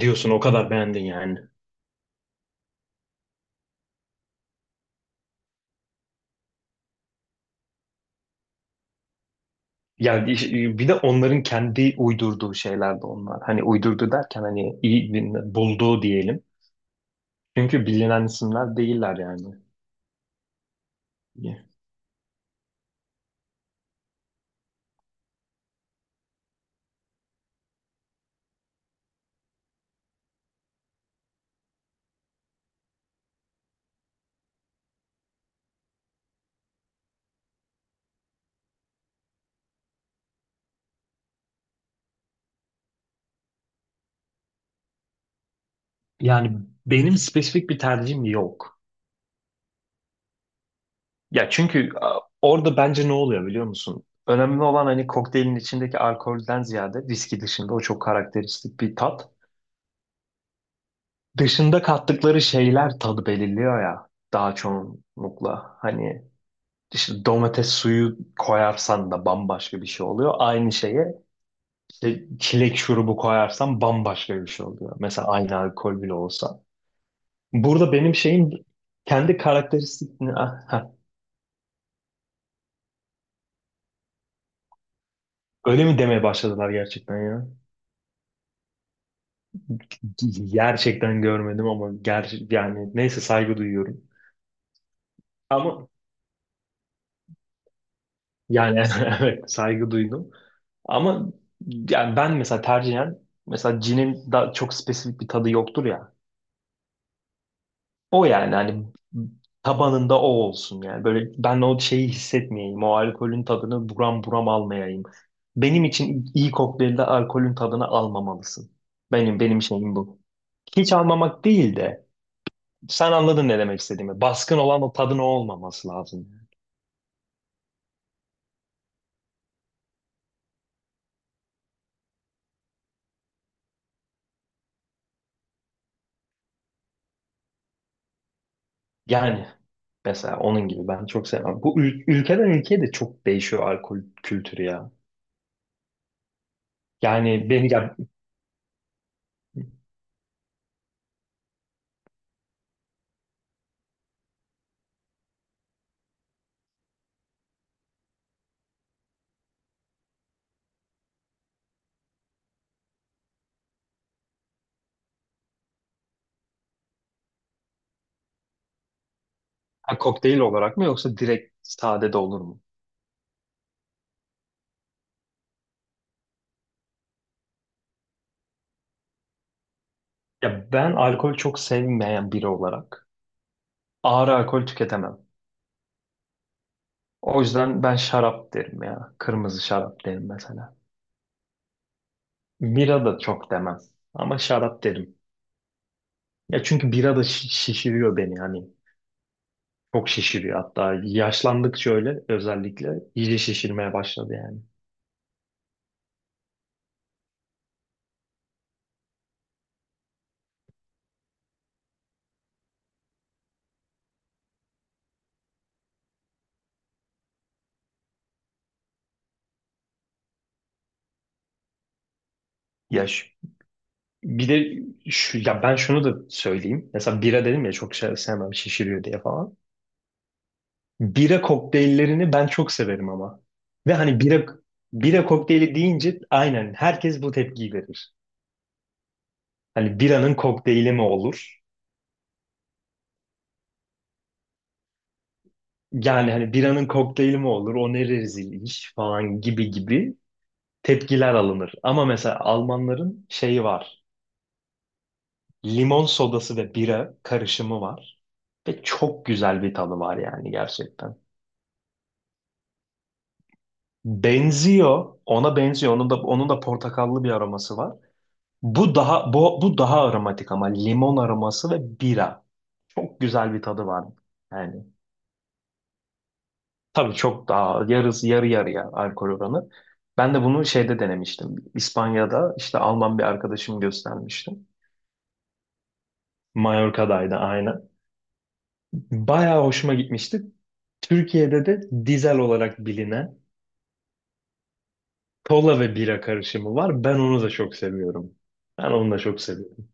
Diyorsun o kadar beğendin yani. Bir de onların kendi uydurduğu şeyler de onlar. Hani uydurdu derken hani bulduğu diyelim. Çünkü bilinen isimler değiller yani. Yani benim spesifik bir tercihim yok. Ya çünkü orada bence ne oluyor biliyor musun? Önemli olan hani kokteylin içindeki alkolden ziyade viski dışında o çok karakteristik bir tat. Dışında kattıkları şeyler tadı belirliyor ya daha çoğunlukla. İşte domates suyu koyarsan da bambaşka bir şey oluyor. Aynı şeye işte çilek şurubu koyarsan bambaşka bir şey oluyor. Mesela aynı alkol bile olsa. Burada benim şeyim kendi karakteristik... Ah, ha. Öyle mi demeye başladılar gerçekten ya? Gerçekten görmedim ama yani neyse saygı duyuyorum. Ama yani evet saygı duydum. Ama yani ben mesela tercihen mesela cinin daha çok spesifik bir tadı yoktur ya. O yani hani tabanında o olsun yani. Böyle ben o şeyi hissetmeyeyim. O alkolün tadını buram buram almayayım. Benim için iyi kokteylde alkolün tadını almamalısın. Benim şeyim bu. Hiç almamak değil de sen anladın ne demek istediğimi. Baskın olan o tadın o olmaması lazım. Yani mesela onun gibi ben çok sevmem. Ülkeden ülkeye de çok değişiyor alkol kültürü ya. Yani beni ya, ha, kokteyl olarak mı yoksa direkt sade de olur mu? Ya ben alkol çok sevmeyen biri olarak ağır alkol tüketemem. O yüzden ben şarap derim ya. Kırmızı şarap derim mesela. Bira da çok demem ama şarap derim. Ya çünkü bira da şişiriyor beni hani. Çok şişiriyor hatta yaşlandıkça öyle özellikle iyice şişirmeye başladı yani. Yaş. Bir de şu, ya ben şunu da söyleyeyim. Mesela bira dedim ya çok şey sevmem şişiriyor diye falan. Bira kokteyllerini ben çok severim ama. Ve bira kokteyli deyince aynen herkes bu tepkiyi verir. Hani biranın kokteyli mi olur? Yani hani biranın kokteyli mi olur? O ne rezil iş falan gibi gibi tepkiler alınır. Ama mesela Almanların şeyi var. Limon sodası ve bira karışımı var. Ve çok güzel bir tadı var yani gerçekten. Benziyor. Ona benziyor. Onun da portakallı bir aroması var. Bu daha aromatik ama limon aroması ve bira. Çok güzel bir tadı var. Yani tabii çok daha yarısı yarı yarıya alkol oranı. Ben de bunu şeyde denemiştim. İspanya'da işte Alman bir arkadaşım göstermişti. Mallorca'daydı aynen. Bayağı hoşuma gitmişti. Türkiye'de de dizel olarak bilinen kola ve bira karışımı var. Ben onu da çok seviyorum. Ben onu da çok seviyorum.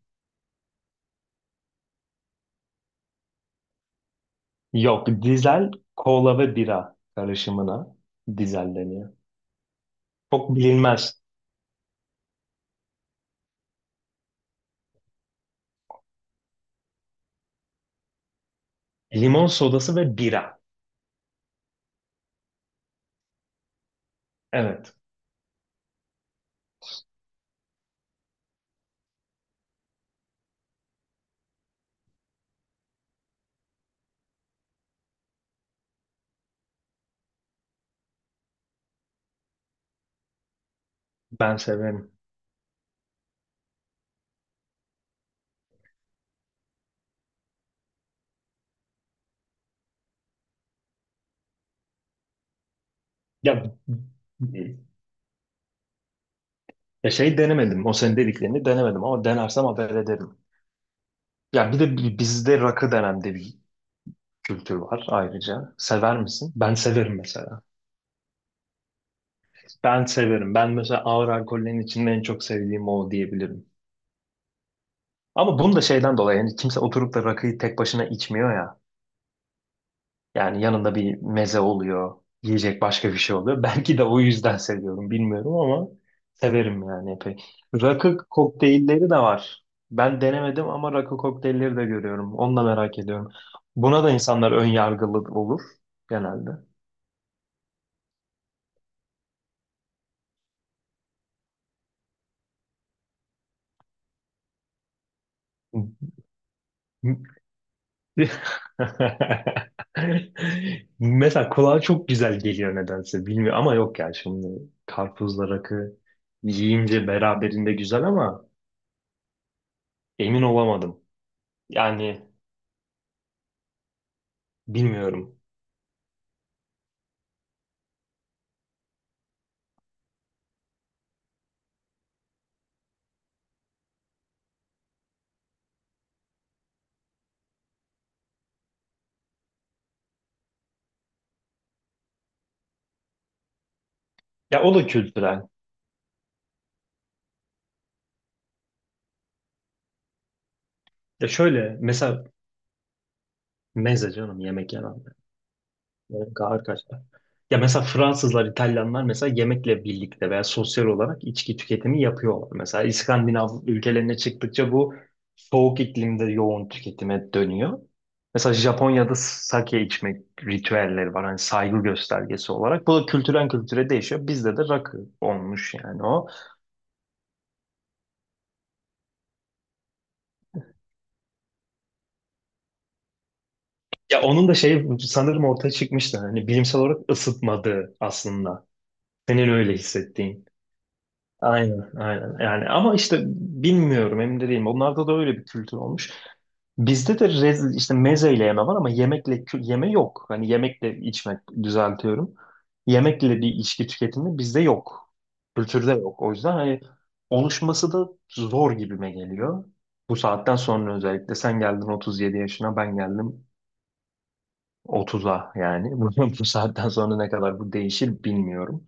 Yok, dizel kola ve bira karışımına dizel deniyor. Çok bilinmez. Limon sodası ve bira. Evet, ben severim. Ya, ya şey denemedim. O senin dediklerini denemedim ama denersem haber ederim. Ya bir de bizde rakı denen de bir kültür var ayrıca. Sever misin? Ben severim mesela. Ben severim. Ben mesela ağır alkollerin içinde en çok sevdiğim o diyebilirim. Ama bunu da şeyden dolayı yani kimse oturup da rakıyı tek başına içmiyor ya. Yani yanında bir meze oluyor, yiyecek başka bir şey oluyor. Belki de o yüzden seviyorum, bilmiyorum ama severim yani epey. Rakı kokteylleri de var. Ben denemedim ama rakı kokteylleri de görüyorum. Onu da merak ediyorum. Buna da insanlar ön yargılı olur genelde. Mesela kulağa çok güzel geliyor nedense bilmiyorum ama yok ya şimdi karpuzla rakı yiyince beraberinde güzel ama emin olamadım. Yani bilmiyorum. Ya o da kültürel. Ya şöyle mesela meze canım yemek yenen. Yemek ağır kaçar. Ya mesela Fransızlar, İtalyanlar mesela yemekle birlikte veya sosyal olarak içki tüketimi yapıyorlar. Mesela İskandinav ülkelerine çıktıkça bu soğuk iklimde yoğun tüketime dönüyor. Mesela Japonya'da sake içmek ritüelleri var. Hani saygı göstergesi olarak. Bu da kültürden kültüre değişiyor. Bizde de rakı olmuş yani o. Ya onun da şey sanırım ortaya çıkmıştı. Hani bilimsel olarak ısıtmadığı aslında. Senin öyle hissettiğin. Aynen, aynen. Yani ama işte bilmiyorum, emin de değilim. Onlarda da öyle bir kültür olmuş. Bizde de rezil, işte mezeyle yeme var ama yeme yok. Hani yemekle içmek düzeltiyorum. Yemekle bir içki tüketimi bizde yok. Kültürde yok. O yüzden hani oluşması da zor gibime geliyor. Bu saatten sonra özellikle sen geldin 37 yaşına, ben geldim 30'a yani. Bu saatten sonra ne kadar bu değişir bilmiyorum.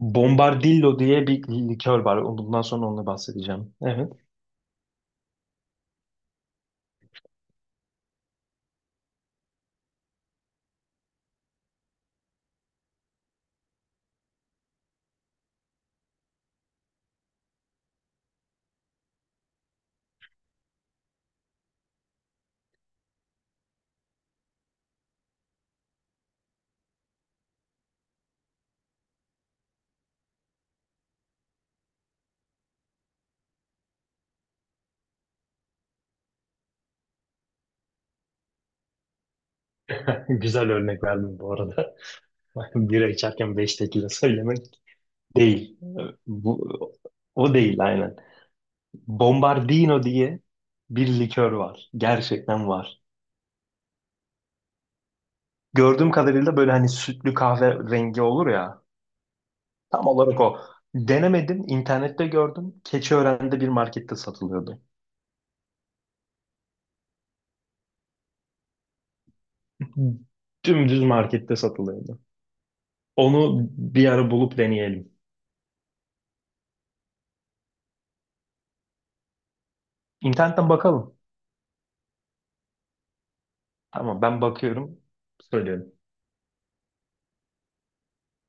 Bombardillo diye bir likör var. Bundan sonra onu bahsedeceğim. Evet. Güzel örnek verdim bu arada. Bira içerken 5 tekila söylemek değil. Bu, o değil aynen. Bombardino diye bir likör var. Gerçekten var. Gördüğüm kadarıyla böyle hani sütlü kahve rengi olur ya. Tam olarak o. Denemedim. İnternette gördüm. Keçiören'de bir markette satılıyordu. Dümdüz markette satılıyordu. Onu bir ara bulup deneyelim. İnternetten bakalım. Tamam ben bakıyorum. Söylüyorum.